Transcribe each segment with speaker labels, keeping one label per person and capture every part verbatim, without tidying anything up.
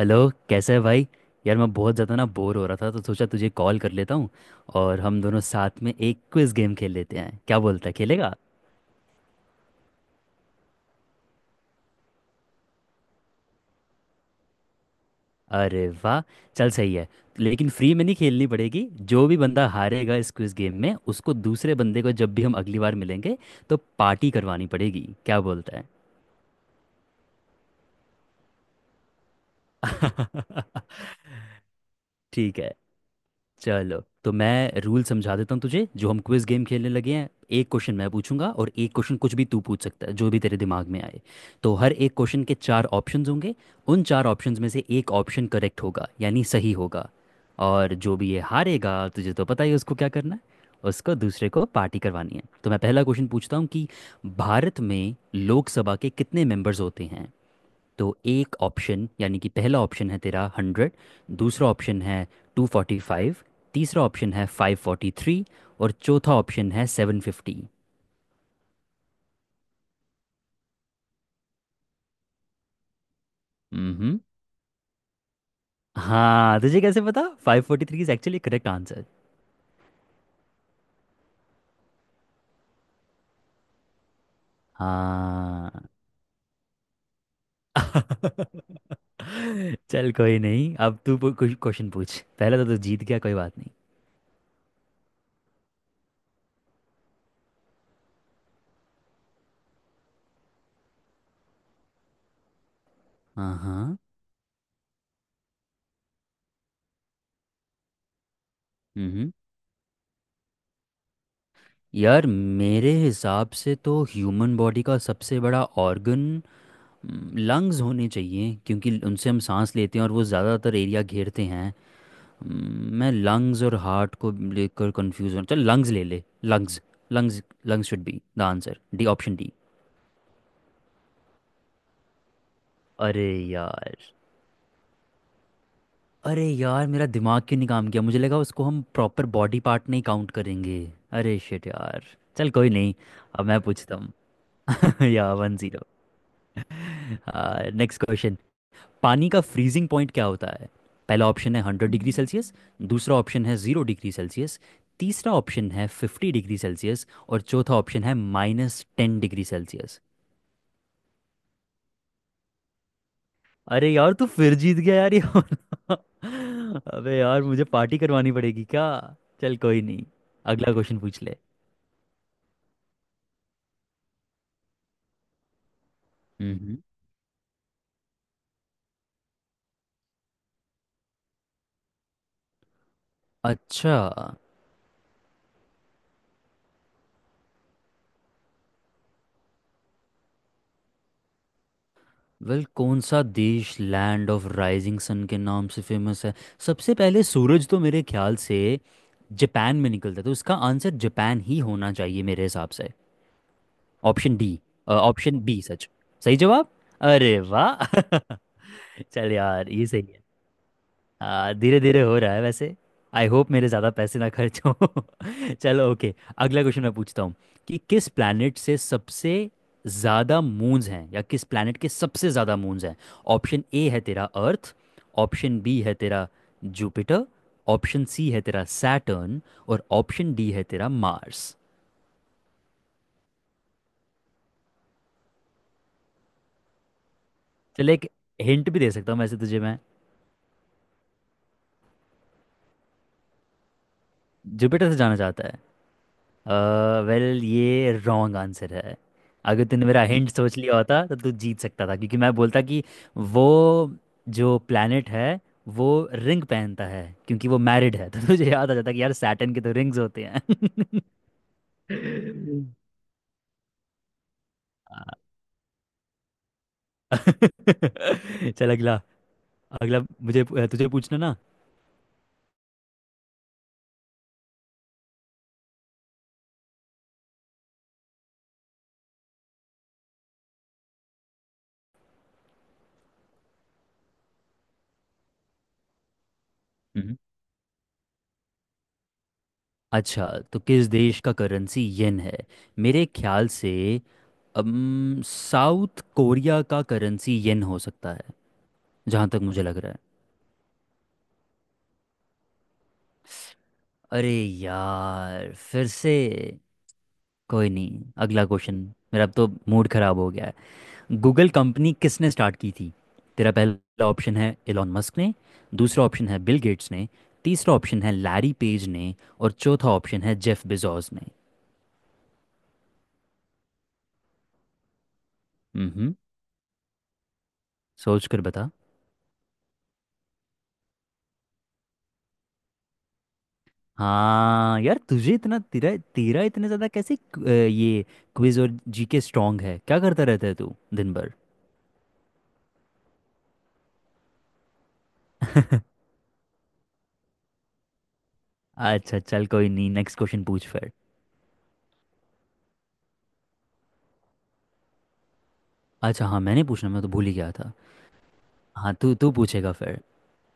Speaker 1: Hello. कैसा है भाई? यार, मैं बहुत ज़्यादा ना बोर हो रहा था तो सोचा तुझे कॉल कर लेता हूँ, और हम दोनों साथ में एक क्विज गेम खेल लेते हैं। क्या बोलता है, खेलेगा? अरे वाह, चल सही है। लेकिन फ्री में नहीं खेलनी पड़ेगी। जो भी बंदा हारेगा इस क्विज गेम में, उसको दूसरे बंदे को जब भी हम अगली बार मिलेंगे तो पार्टी करवानी पड़ेगी। क्या बोलता है? ठीक है। चलो तो मैं रूल समझा देता हूँ तुझे, जो हम क्विज गेम खेलने लगे हैं। एक क्वेश्चन मैं पूछूंगा और एक क्वेश्चन कुछ भी तू पूछ सकता है, जो भी तेरे दिमाग में आए। तो हर एक क्वेश्चन के चार ऑप्शंस होंगे। उन चार ऑप्शंस में से एक ऑप्शन करेक्ट होगा, यानी सही होगा। और जो भी ये हारेगा, तुझे तो पता ही है उसको क्या करना है। उसको दूसरे को पार्टी करवानी है। तो मैं पहला क्वेश्चन पूछता हूँ कि भारत में लोकसभा के कितने मेंबर्स होते हैं। तो एक ऑप्शन, यानी कि पहला ऑप्शन है तेरा हंड्रेड। दूसरा ऑप्शन है टू फोर्टी फाइव। तीसरा ऑप्शन है फाइव फोर्टी थ्री। और चौथा ऑप्शन है सेवन फिफ्टी। हम्म। हाँ, तुझे कैसे पता five forty three is actually correct answer? हाँ। चल, कोई नहीं। अब तू पू- कुछ क्वेश्चन पूछ। पहले तो तू जीत गया, कोई बात नहीं। हाँ हाँ। हम्म यार, मेरे हिसाब से तो ह्यूमन बॉडी का सबसे बड़ा ऑर्गन लंग्स होने चाहिए, क्योंकि उनसे हम सांस लेते हैं और वो ज़्यादातर एरिया घेरते हैं। हम्म, मैं लंग्स और हार्ट को लेकर कंफ्यूज हूँ। चल लंग्स ले ले, lungs. Lungs, lungs should be the answer. D, option D. अरे यार, अरे यार, मेरा दिमाग क्यों नहीं काम किया? मुझे लगा उसको हम प्रॉपर बॉडी पार्ट नहीं काउंट करेंगे। अरे शिट यार। चल कोई नहीं, अब मैं पूछता हूँ। या वन जीरो। Next question. पानी का फ्रीजिंग पॉइंट क्या होता है? पहला ऑप्शन है हंड्रेड डिग्री सेल्सियस। दूसरा ऑप्शन है जीरो डिग्री सेल्सियस। तीसरा ऑप्शन है फिफ्टी डिग्री सेल्सियस। और चौथा ऑप्शन है माइनस टेन डिग्री सेल्सियस। अरे यार, तू फिर जीत गया, यार ये वाला। अबे यार, मुझे पार्टी करवानी पड़ेगी क्या? चल कोई नहीं, अगला क्वेश्चन पूछ ले। हम्म। अच्छा। वेल, कौन सा देश लैंड ऑफ राइजिंग सन के नाम से फेमस है? सबसे पहले सूरज तो मेरे ख्याल से जापान में निकलता है, तो इसका आंसर जापान ही होना चाहिए मेरे हिसाब से। Option D. Option B. सच, सही जवाब। अरे वाह। चल यार, ये सही है। आ, धीरे धीरे हो रहा है वैसे। आई होप मेरे ज़्यादा पैसे ना खर्च हो। चलो ओके। अगला क्वेश्चन मैं पूछता हूँ, कि किस प्लैनेट से सबसे ज़्यादा मून्स हैं, या किस प्लैनेट के सबसे ज़्यादा मून्स हैं। ऑप्शन ए है तेरा अर्थ। ऑप्शन बी है तेरा जुपिटर। ऑप्शन सी है तेरा सैटर्न। और ऑप्शन डी है तेरा मार्स। चल एक हिंट भी दे सकता हूँ वैसे तुझे मैं। जुपिटर से जाना चाहता? वेल, ये रॉन्ग आंसर है। अगर तूने मेरा हिंट सोच लिया होता तो तू जीत सकता था, क्योंकि मैं बोलता कि वो जो प्लैनेट है वो रिंग पहनता है क्योंकि वो मैरिड है, तो तुझे याद आ जाता कि यार सैटर्न के तो रिंग्स होते हैं। चल अगला। अगला मुझे तुझे पूछना ना। हम्म। अच्छा, तो किस देश का करेंसी येन है? मेरे ख्याल से, अम, साउथ कोरिया का करेंसी येन हो सकता, जहाँ तक मुझे लग रहा है। अरे यार, फिर से। कोई नहीं, अगला क्वेश्चन मेरा। अब तो मूड खराब हो गया है। गूगल कंपनी किसने स्टार्ट की थी? तेरा पहला ऑप्शन है एलॉन मस्क ने। दूसरा ऑप्शन है बिल गेट्स ने। तीसरा ऑप्शन है लैरी पेज ने। और चौथा ऑप्शन है जेफ बेजोस ने। हम्म, सोच कर बता। हाँ यार, तुझे इतना तेरा तेरा इतने ज़्यादा कैसे क- अ, ये क्विज और जीके स्ट्रांग है? क्या करता रहता है तू दिन भर? अच्छा चल कोई नहीं, नेक्स्ट क्वेश्चन पूछ फिर। अच्छा हाँ, मैंने पूछना, मैं तो भूल ही गया था। हाँ, तू तू पूछेगा फिर।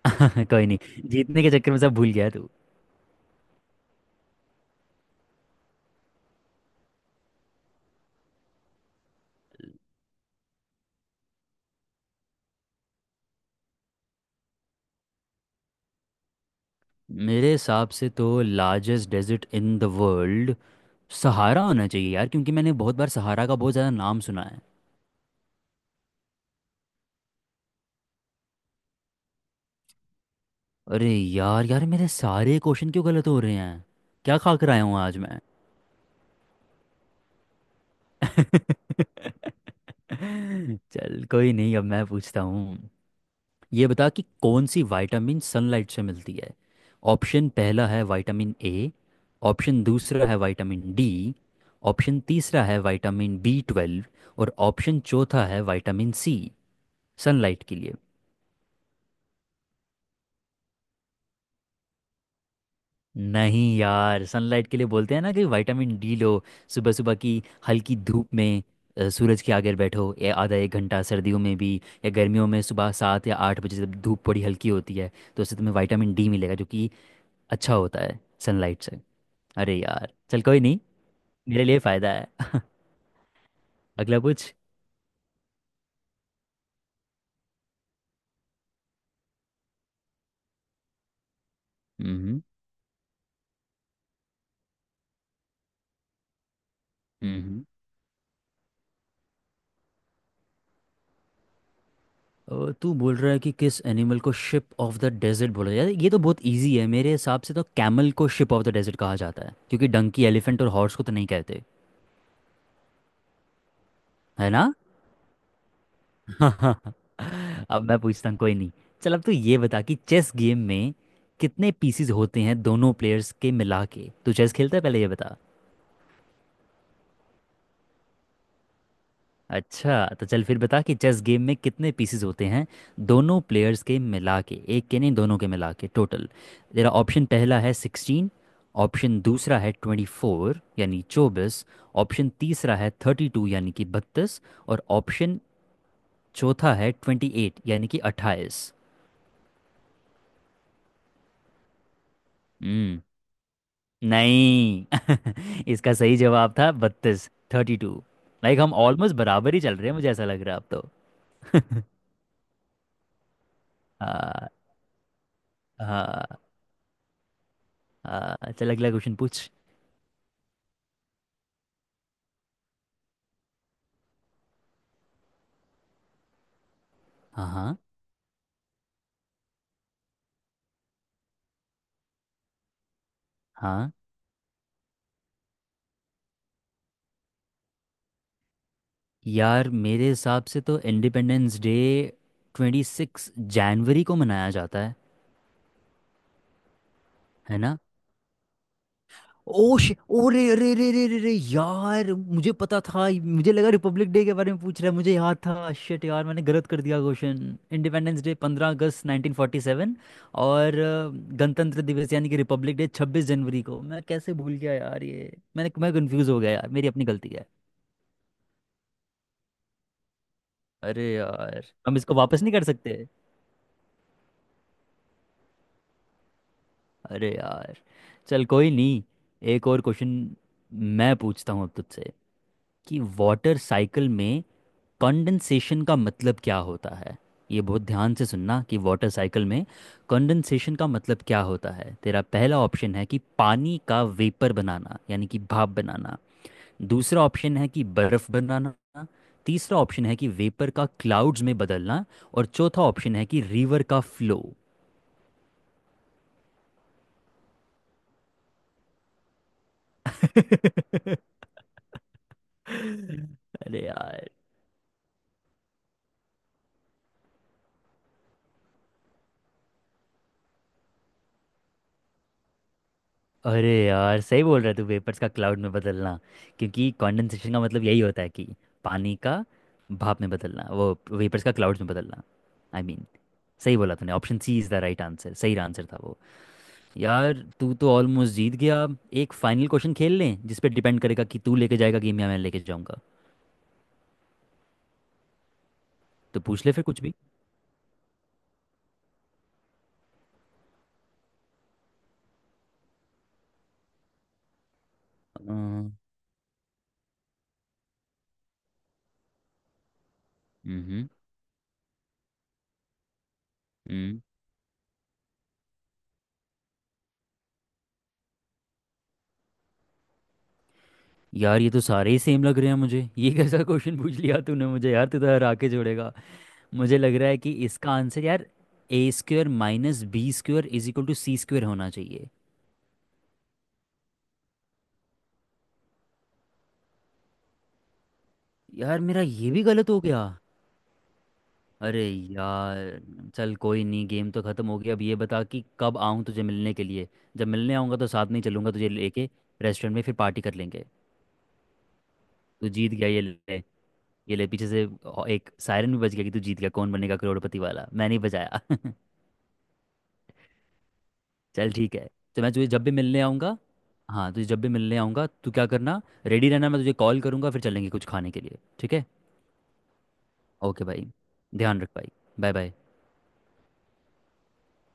Speaker 1: कोई नहीं, जीतने के चक्कर में सब भूल गया तू। मेरे हिसाब से तो largest desert in the world Sahara होना चाहिए यार, क्योंकि मैंने बहुत बार सहारा का बहुत ज़्यादा नाम सुना है। अरे यार, यार मेरे सारे क्वेश्चन क्यों गलत हो रहे हैं? क्या खा कर आया हूँ आज मैं? चल कोई नहीं, अब मैं पूछता हूँ। ये बता कि कौन सी विटामिन सनलाइट से मिलती है। ऑप्शन पहला है विटामिन ए। ऑप्शन दूसरा है विटामिन डी। ऑप्शन तीसरा है विटामिन बी ट्वेल्व। और ऑप्शन चौथा है विटामिन सी। सनलाइट के लिए। नहीं यार, सनलाइट के लिए बोलते हैं ना कि विटामिन डी लो। सुबह सुबह की हल्की धूप में, अ, सूरज के आगे बैठो, या आधा एक घंटा सर्दियों में भी, या गर्मियों में सुबह सात या आठ बजे जब धूप बड़ी हल्की होती है, तो उससे तुम्हें विटामिन डी मिलेगा, जो कि अच्छा होता है, सनलाइट से। अरे यार चल कोई नहीं, मेरे लिए फायदा है। अगला पूछ। हम्म। हम्म। अ, तू बोल रहा है कि किस एनिमल को शिप ऑफ द डेजर्ट बोला जाता है? ये तो बहुत इजी है, मेरे हिसाब से तो कैमल को शिप ऑफ द डेजर्ट कहा जाता है, क्योंकि डंकी, एलिफेंट और हॉर्स को तो नहीं कहते। है ना? अब मैं पूछता हूँ, कोई नहीं। चल, अब तू ये बता कि चेस गेम में कितने पीसीज होते हैं, दोनों प्लेयर्स के मिला के। तू चेस खेलता है? पहले ये बता। अच्छा, तो चल फिर बता कि चेस गेम में कितने पीसेस होते हैं, दोनों प्लेयर्स के मिला के। एक के नहीं, दोनों के मिला के टोटल। तेरा ऑप्शन पहला है सिक्सटीन। ऑप्शन दूसरा है ट्वेंटी फोर, यानी चौबीस। ऑप्शन तीसरा है थर्टी टू, यानी कि बत्तीस। और ऑप्शन चौथा है ट्वेंटी एट, यानी कि अट्ठाईस। हम्म। नहीं। इसका सही जवाब था बत्तीस, थर्टी टू। लाइक हम ऑलमोस्ट बराबर ही चल रहे हैं, मुझे ऐसा लग रहा है अब तो। हाँ। हाँ हाँ, चल अगला क्वेश्चन पूछ। हाँ हाँ हाँ, यार मेरे हिसाब से तो इंडिपेंडेंस डे ट्वेंटी सिक्स जनवरी को मनाया जाता है। है ना? ओ शे ओ रे रे रे रे रे रे यार, मुझे पता था, मुझे लगा रिपब्लिक डे के बारे में पूछ रहा है। मुझे याद था, शिट यार, मैंने गलत कर दिया क्वेश्चन। इंडिपेंडेंस डे पंद्रह अगस्त नाइनटीन फोर्टी सेवन, और अ, गणतंत्र दिवस, यानी कि रिपब्लिक डे छब्बीस जनवरी को। मैं कैसे भूल गया यार ये? मैंने मैं कंफ्यूज हो गया यार, मेरी अपनी गलती है। अरे यार, हम इसको वापस नहीं कर सकते? अरे यार, चल कोई नहीं। एक और क्वेश्चन मैं पूछता हूँ अब तुझसे, कि वाटर साइकिल में कंडेंसेशन का मतलब क्या होता है? ये बहुत ध्यान से सुनना, कि वाटर साइकिल में कंडेंसेशन का मतलब क्या होता है। तेरा पहला ऑप्शन है कि पानी का वेपर बनाना, यानी कि भाप बनाना। दूसरा ऑप्शन है कि बर्फ बनाना। तीसरा ऑप्शन है कि वेपर का क्लाउड्स में बदलना। और चौथा ऑप्शन है कि रिवर का फ्लो। अरे यार। अरे यार, सही बोल रहा है तू, वेपर्स का क्लाउड में बदलना। क्योंकि कंडेंसेशन का मतलब यही होता है कि पानी का भाप में बदलना, वो वेपर्स का क्लाउड्स में बदलना। आई I मीन mean, सही बोला तूने, option C is the right answer, सही आंसर था वो। यार तू तो ऑलमोस्ट जीत गया। एक फाइनल क्वेश्चन खेल लें, जिस पे डिपेंड करेगा कि तू लेके जाएगा गेम या मैं लेके जाऊंगा। तो पूछ ले फिर कुछ भी। हम्म। हम्म। यार, ये तो सारे ही सेम लग रहे हैं मुझे, ये कैसा क्वेश्चन पूछ लिया तूने मुझे यार, तू तो हरा के जोड़ेगा। मुझे लग रहा है कि इसका आंसर यार A square minus B square is equal to C square होना चाहिए। यार, मेरा ये भी गलत हो गया। अरे यार, चल कोई नहीं, गेम तो ख़त्म हो गया। अब ये बता कि कब आऊँ तुझे मिलने के लिए। जब मिलने आऊँगा तो साथ में ही चलूँगा तुझे लेके, रेस्टोरेंट में, फिर पार्टी कर लेंगे। तू जीत गया, ये ले, ये ले पीछे से एक सायरन भी बज गया कि तू जीत गया, कौन बनेगा करोड़पति वाला, मैंने ही बजाया। चल ठीक है। तो मैं तुझे जब भी मिलने आऊँगा। हाँ, तुझे जब भी मिलने आऊँगा तू क्या करना, रेडी रहना, मैं तुझे कॉल करूँगा, फिर चलेंगे कुछ खाने के लिए, ठीक है? ओके भाई, ध्यान रख भाई। Bye bye.